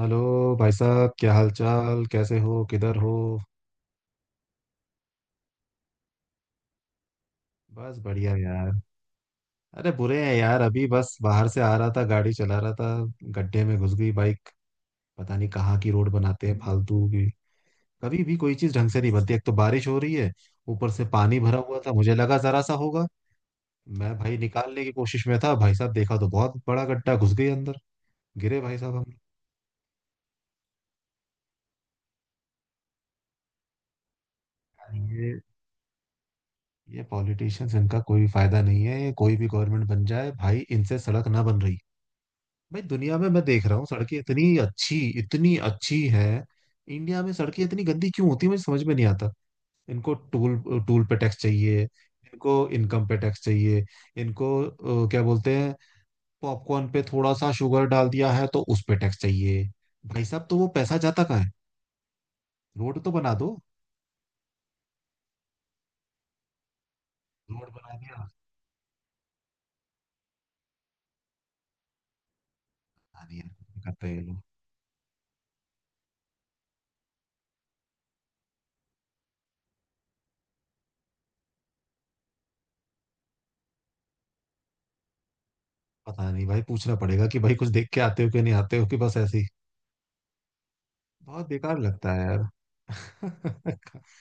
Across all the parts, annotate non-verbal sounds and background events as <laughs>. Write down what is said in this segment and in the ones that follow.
Hello. भाई साहब, क्या हाल चाल, कैसे हो, किधर हो? बस बढ़िया यार। अरे बुरे हैं यार, अभी बस बाहर से आ रहा था, गाड़ी चला रहा था। गड्ढे में घुस गई बाइक। पता नहीं कहाँ की रोड बनाते हैं फालतू की। कभी भी कोई चीज ढंग से नहीं बनती, एक तो बारिश हो रही है, ऊपर से पानी भरा हुआ था, मुझे लगा जरा सा होगा। मैं भाई निकालने की कोशिश में था, भाई साहब देखा तो बहुत बड़ा गड्ढा, घुस गई अंदर। गिरे भाई साहब हम। ये ये पॉलिटिशियंस, इनका कोई फायदा नहीं है, ये कोई भी गवर्नमेंट बन जाए भाई इनसे सड़क ना बन रही। भाई दुनिया में मैं देख रहा हूँ सड़कें इतनी अच्छी हैं, इंडिया में सड़कें इतनी गंदी क्यों होती है, मुझे समझ में नहीं आता। इनको टूल टूल पे टैक्स चाहिए, इनको इनकम पे टैक्स चाहिए, इनको क्या बोलते हैं, पॉपकॉर्न पे थोड़ा सा शुगर डाल दिया है तो उस पे टैक्स चाहिए। भाई साहब तो वो पैसा जाता कहाँ है? रोड तो बना दो। रोड बना दिया, बना दिया, कुछ भी करते हैं ये लोग। पता नहीं भाई, पूछना पड़ेगा कि भाई कुछ देख के आते हो कि नहीं आते हो कि बस ऐसे ही। बहुत बेकार लगता है यार। <laughs>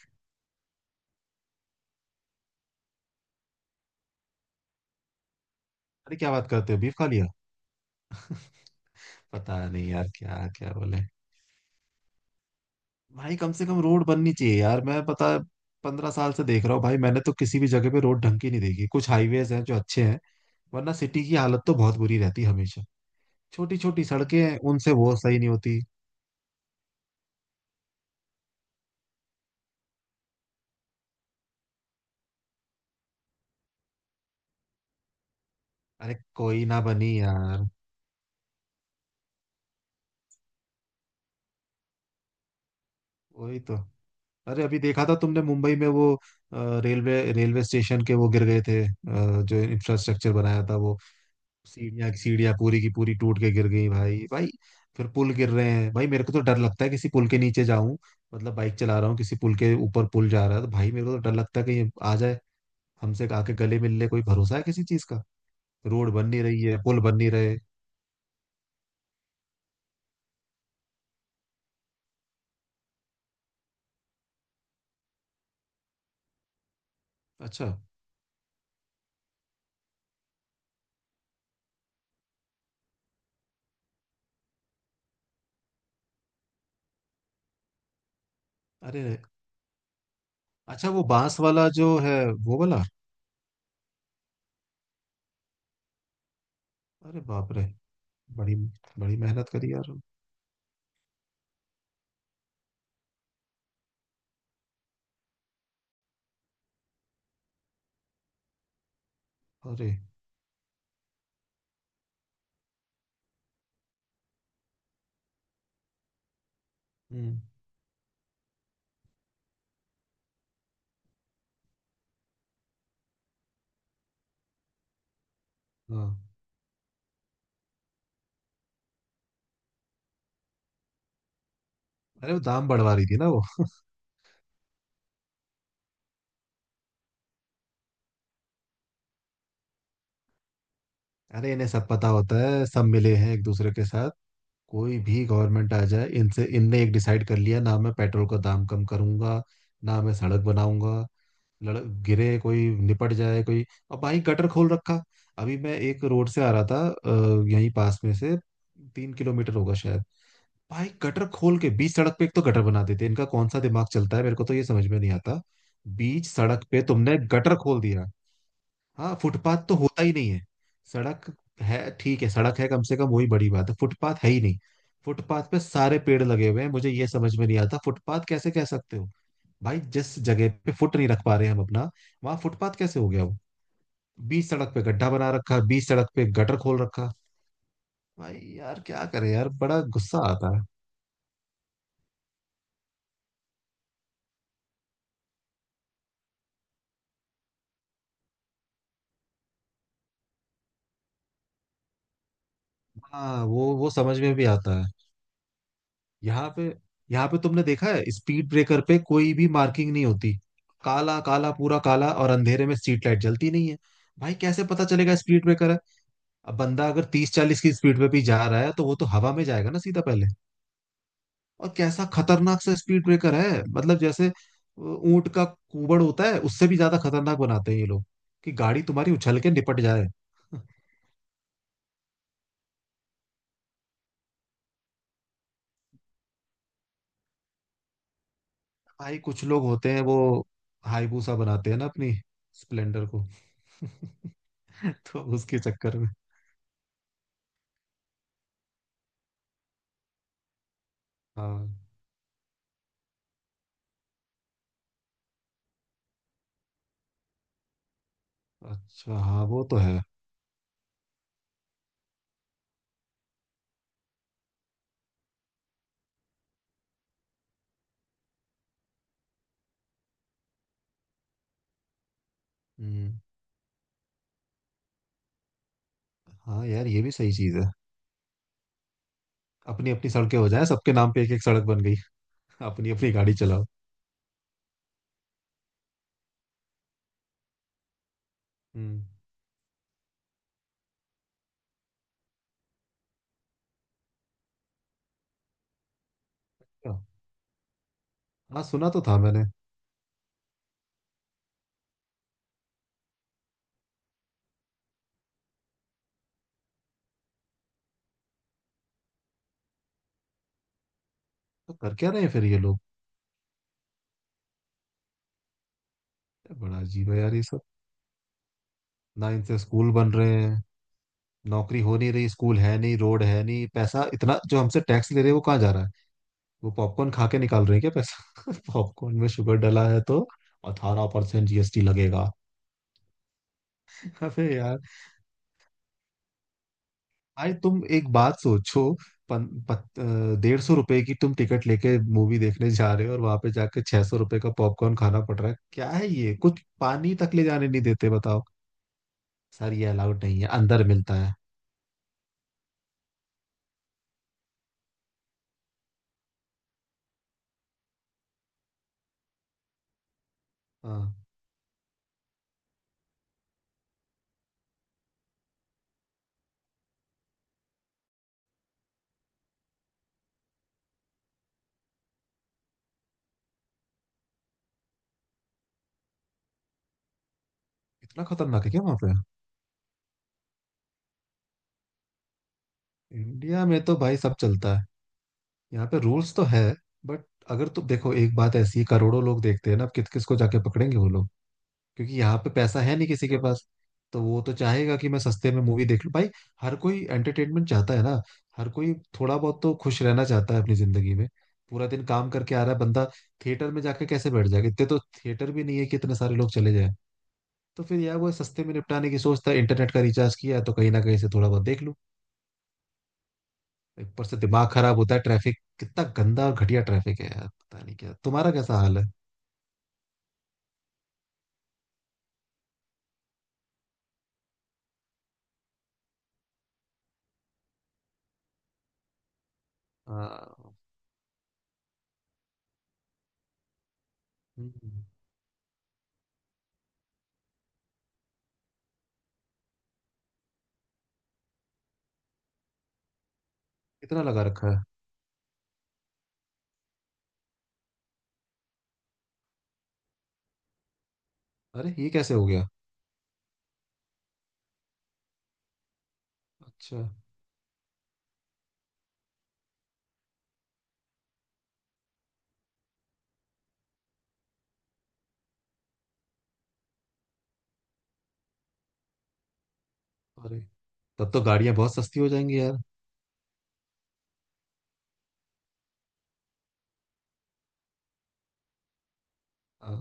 अरे क्या बात करते हो, बीफ खा लिया? पता नहीं यार क्या क्या बोले। भाई कम से कम रोड बननी चाहिए यार। मैं पता 15 साल से देख रहा हूँ भाई, मैंने तो किसी भी जगह पे रोड ढंग की नहीं देखी। कुछ हाईवेज हैं जो अच्छे हैं, वरना सिटी की हालत तो बहुत बुरी रहती है हमेशा। छोटी छोटी सड़कें हैं, उनसे वो सही नहीं होती। अरे कोई ना बनी यार। वही तो। अरे अभी देखा था तुमने मुंबई में वो रेलवे रेलवे स्टेशन के वो गिर गए थे, जो इंफ्रास्ट्रक्चर बनाया था वो, सीढ़ियाँ सीढ़ियाँ पूरी की पूरी टूट के गिर गई भाई भाई। फिर पुल गिर रहे हैं भाई, मेरे को तो डर लगता है किसी पुल के नीचे जाऊं। मतलब बाइक चला रहा हूँ, किसी पुल के ऊपर पुल जा रहा है तो भाई मेरे को तो डर लगता है कहीं आ जाए, हमसे आके गले मिल ले। कोई भरोसा है किसी चीज का? रोड बन नहीं रही है, पुल बन नहीं रहे। अच्छा। अरे अच्छा, वो बांस वाला जो है, वो वाला? अरे बाप रे। बड़ी बड़ी मेहनत करी यार। अरे। हम्म। हाँ। अरे वो दाम बढ़वा रही थी ना वो। अरे इन्हें सब पता होता है, सब मिले हैं एक दूसरे के साथ। कोई भी गवर्नमेंट आ जाए इनसे, इनने एक डिसाइड कर लिया ना, मैं पेट्रोल का दाम कम करूंगा ना, मैं सड़क बनाऊंगा, लड़ गिरे कोई, निपट जाए कोई। और भाई गटर खोल रखा। अभी मैं एक रोड से आ रहा था यहीं पास में से, 3 किलोमीटर होगा शायद। भाई गटर खोल के बीच सड़क पे, एक तो गटर बना देते हैं, इनका कौन सा दिमाग चलता है मेरे को तो ये समझ में नहीं आता। बीच सड़क पे तुमने गटर खोल दिया। हाँ फुटपाथ तो होता ही नहीं है। सड़क है, ठीक है, सड़क है कम से कम, वही बड़ी बात है, फुटपाथ है ही नहीं। फुटपाथ पे सारे पेड़ लगे हुए हैं, मुझे ये समझ में नहीं आता फुटपाथ कैसे कह सकते हो। भाई जिस जगह पे फुट नहीं रख पा रहे हैं हम अपना, वहां फुटपाथ कैसे हो गया वो? बीच सड़क पे गड्ढा बना रखा, बीच सड़क पे गटर खोल रखा। भाई यार क्या करे यार, बड़ा गुस्सा आता है। हाँ वो समझ में भी आता है। यहाँ पे यहाँ पे तुमने देखा है स्पीड ब्रेकर पे कोई भी मार्किंग नहीं होती। काला काला पूरा काला, और अंधेरे में स्ट्रीट लाइट जलती नहीं है। भाई कैसे पता चलेगा स्पीड ब्रेकर है। अब बंदा अगर 30 40 की स्पीड पे भी जा रहा है तो वो तो हवा में जाएगा ना सीधा पहले। और कैसा खतरनाक सा स्पीड ब्रेकर है, मतलब जैसे ऊंट का कूबड़ होता है उससे भी ज्यादा खतरनाक बनाते हैं ये लोग, कि गाड़ी तुम्हारी उछल के निपट जाए। <laughs> भाई कुछ लोग होते हैं वो हाईबूसा बनाते हैं ना अपनी स्प्लेंडर को। <laughs> तो उसके चक्कर में। हाँ। अच्छा हाँ वो तो है। हम्म। हाँ यार ये भी सही चीज है। अपनी अपनी सड़कें हो जाए, सबके नाम पे एक एक सड़क बन गई। <laughs> अपनी अपनी गाड़ी चलाओ। हम्म। क्या? हाँ सुना तो था मैंने। तो कर क्या रहे हैं फिर ये लोग? बड़ा अजीब है यार ये सब। ना इनसे स्कूल बन रहे हैं, नौकरी हो नहीं रही, स्कूल है नहीं, रोड है नहीं, पैसा इतना जो हमसे टैक्स ले रहे हैं वो कहाँ जा रहा है? वो पॉपकॉर्न खा के निकाल रहे हैं क्या पैसा? <laughs> पॉपकॉर्न में शुगर डला है तो 18% जीएसटी लगेगा। <laughs> अबे यार। भाई तुम एक बात सोचो, 150 रुपए की तुम टिकट लेके मूवी देखने जा रहे हो और वहां पे जाके 600 रुपए का पॉपकॉर्न खाना पड़ रहा है। क्या है ये? कुछ पानी तक ले जाने नहीं देते, बताओ, सर ये अलाउड नहीं है, अंदर मिलता है। हाँ इतना खतरनाक है क्या वहां पे? इंडिया में तो भाई सब चलता है, यहाँ पे रूल्स तो है, बट अगर तुम देखो एक बात ऐसी है, करोड़ों लोग देखते हैं ना, अब किस किस को जाके पकड़ेंगे वो लोग। क्योंकि यहाँ पे पैसा है नहीं किसी के पास, तो वो तो चाहेगा कि मैं सस्ते में मूवी देख लूं भाई। हर कोई एंटरटेनमेंट चाहता है ना, हर कोई थोड़ा बहुत तो खुश रहना चाहता है अपनी जिंदगी में। पूरा दिन काम करके आ रहा है बंदा, थिएटर में जाके कैसे बैठ जाएगा, इतने तो थिएटर भी नहीं है कि इतने सारे लोग चले जाएं। तो फिर यार वो सस्ते में निपटाने की सोचता है, इंटरनेट का रिचार्ज किया है, तो कहीं ना कहीं से थोड़ा बहुत देख लूं। ऊपर से दिमाग खराब होता है, ट्रैफिक कितना गंदा और घटिया ट्रैफिक है यार, पता नहीं क्या तुम्हारा कैसा हाल है। आ, हम्म, कितना लगा रखा है? अरे ये कैसे हो गया? अच्छा। अरे तब तो गाड़ियां बहुत सस्ती हो जाएंगी यार। हाँ।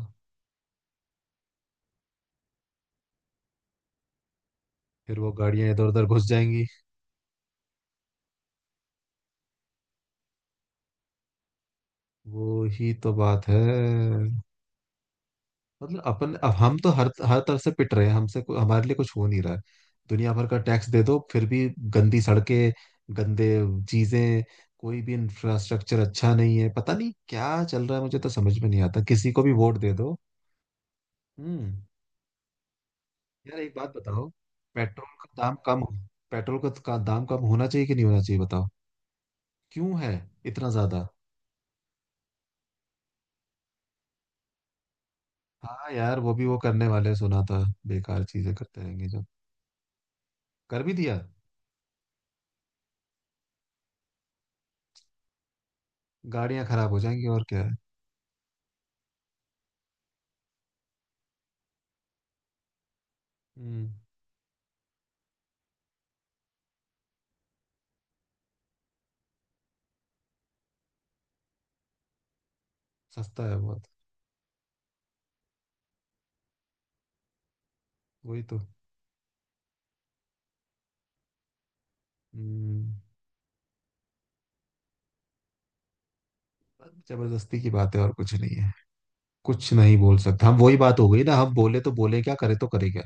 फिर वो गाड़ियां इधर उधर घुस जाएंगी। वो ही तो बात है। मतलब अपन, अब हम तो हर हर तरफ से पिट रहे हैं, हमारे लिए कुछ हो नहीं रहा है। दुनिया भर का टैक्स दे दो, फिर भी गंदी सड़कें, गंदे चीजें, कोई भी इंफ्रास्ट्रक्चर अच्छा नहीं है, पता नहीं क्या चल रहा है, मुझे तो समझ में नहीं आता किसी को भी वोट दे दो। हम्म। यार एक बात बताओ, पेट्रोल का दाम कम पेट्रोल का दाम कम होना चाहिए कि नहीं होना चाहिए बताओ? क्यों है इतना ज्यादा? हाँ यार वो भी वो करने वाले सुना था, बेकार चीजें करते रहेंगे जब। कर भी दिया। गाड़ियां खराब हो जाएंगी और क्या है। हम्म। सस्ता है बहुत। वही तो। हम्म। जबरदस्ती की बात है और कुछ नहीं है। कुछ नहीं बोल सकता हम, वही बात हो गई ना, हम बोले तो बोले, क्या करे तो करे क्या।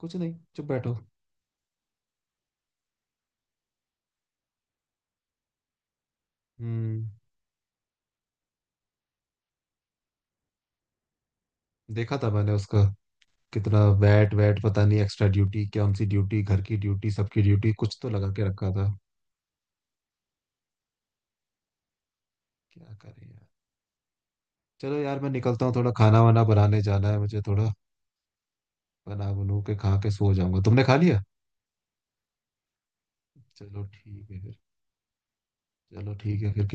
कुछ नहीं, चुप बैठो। हम्म। देखा था मैंने उसका, कितना वैट वैट पता नहीं, एक्स्ट्रा ड्यूटी, कौन सी ड्यूटी, घर की ड्यूटी, सबकी ड्यूटी, कुछ तो लगा के रखा था। क्या करे यार। चलो यार मैं निकलता हूँ, थोड़ा खाना वाना बनाने जाना है मुझे, थोड़ा बना बनू के खा के सो जाऊंगा। तुमने खा लिया? चलो ठीक है फिर। चलो ठीक है फिर।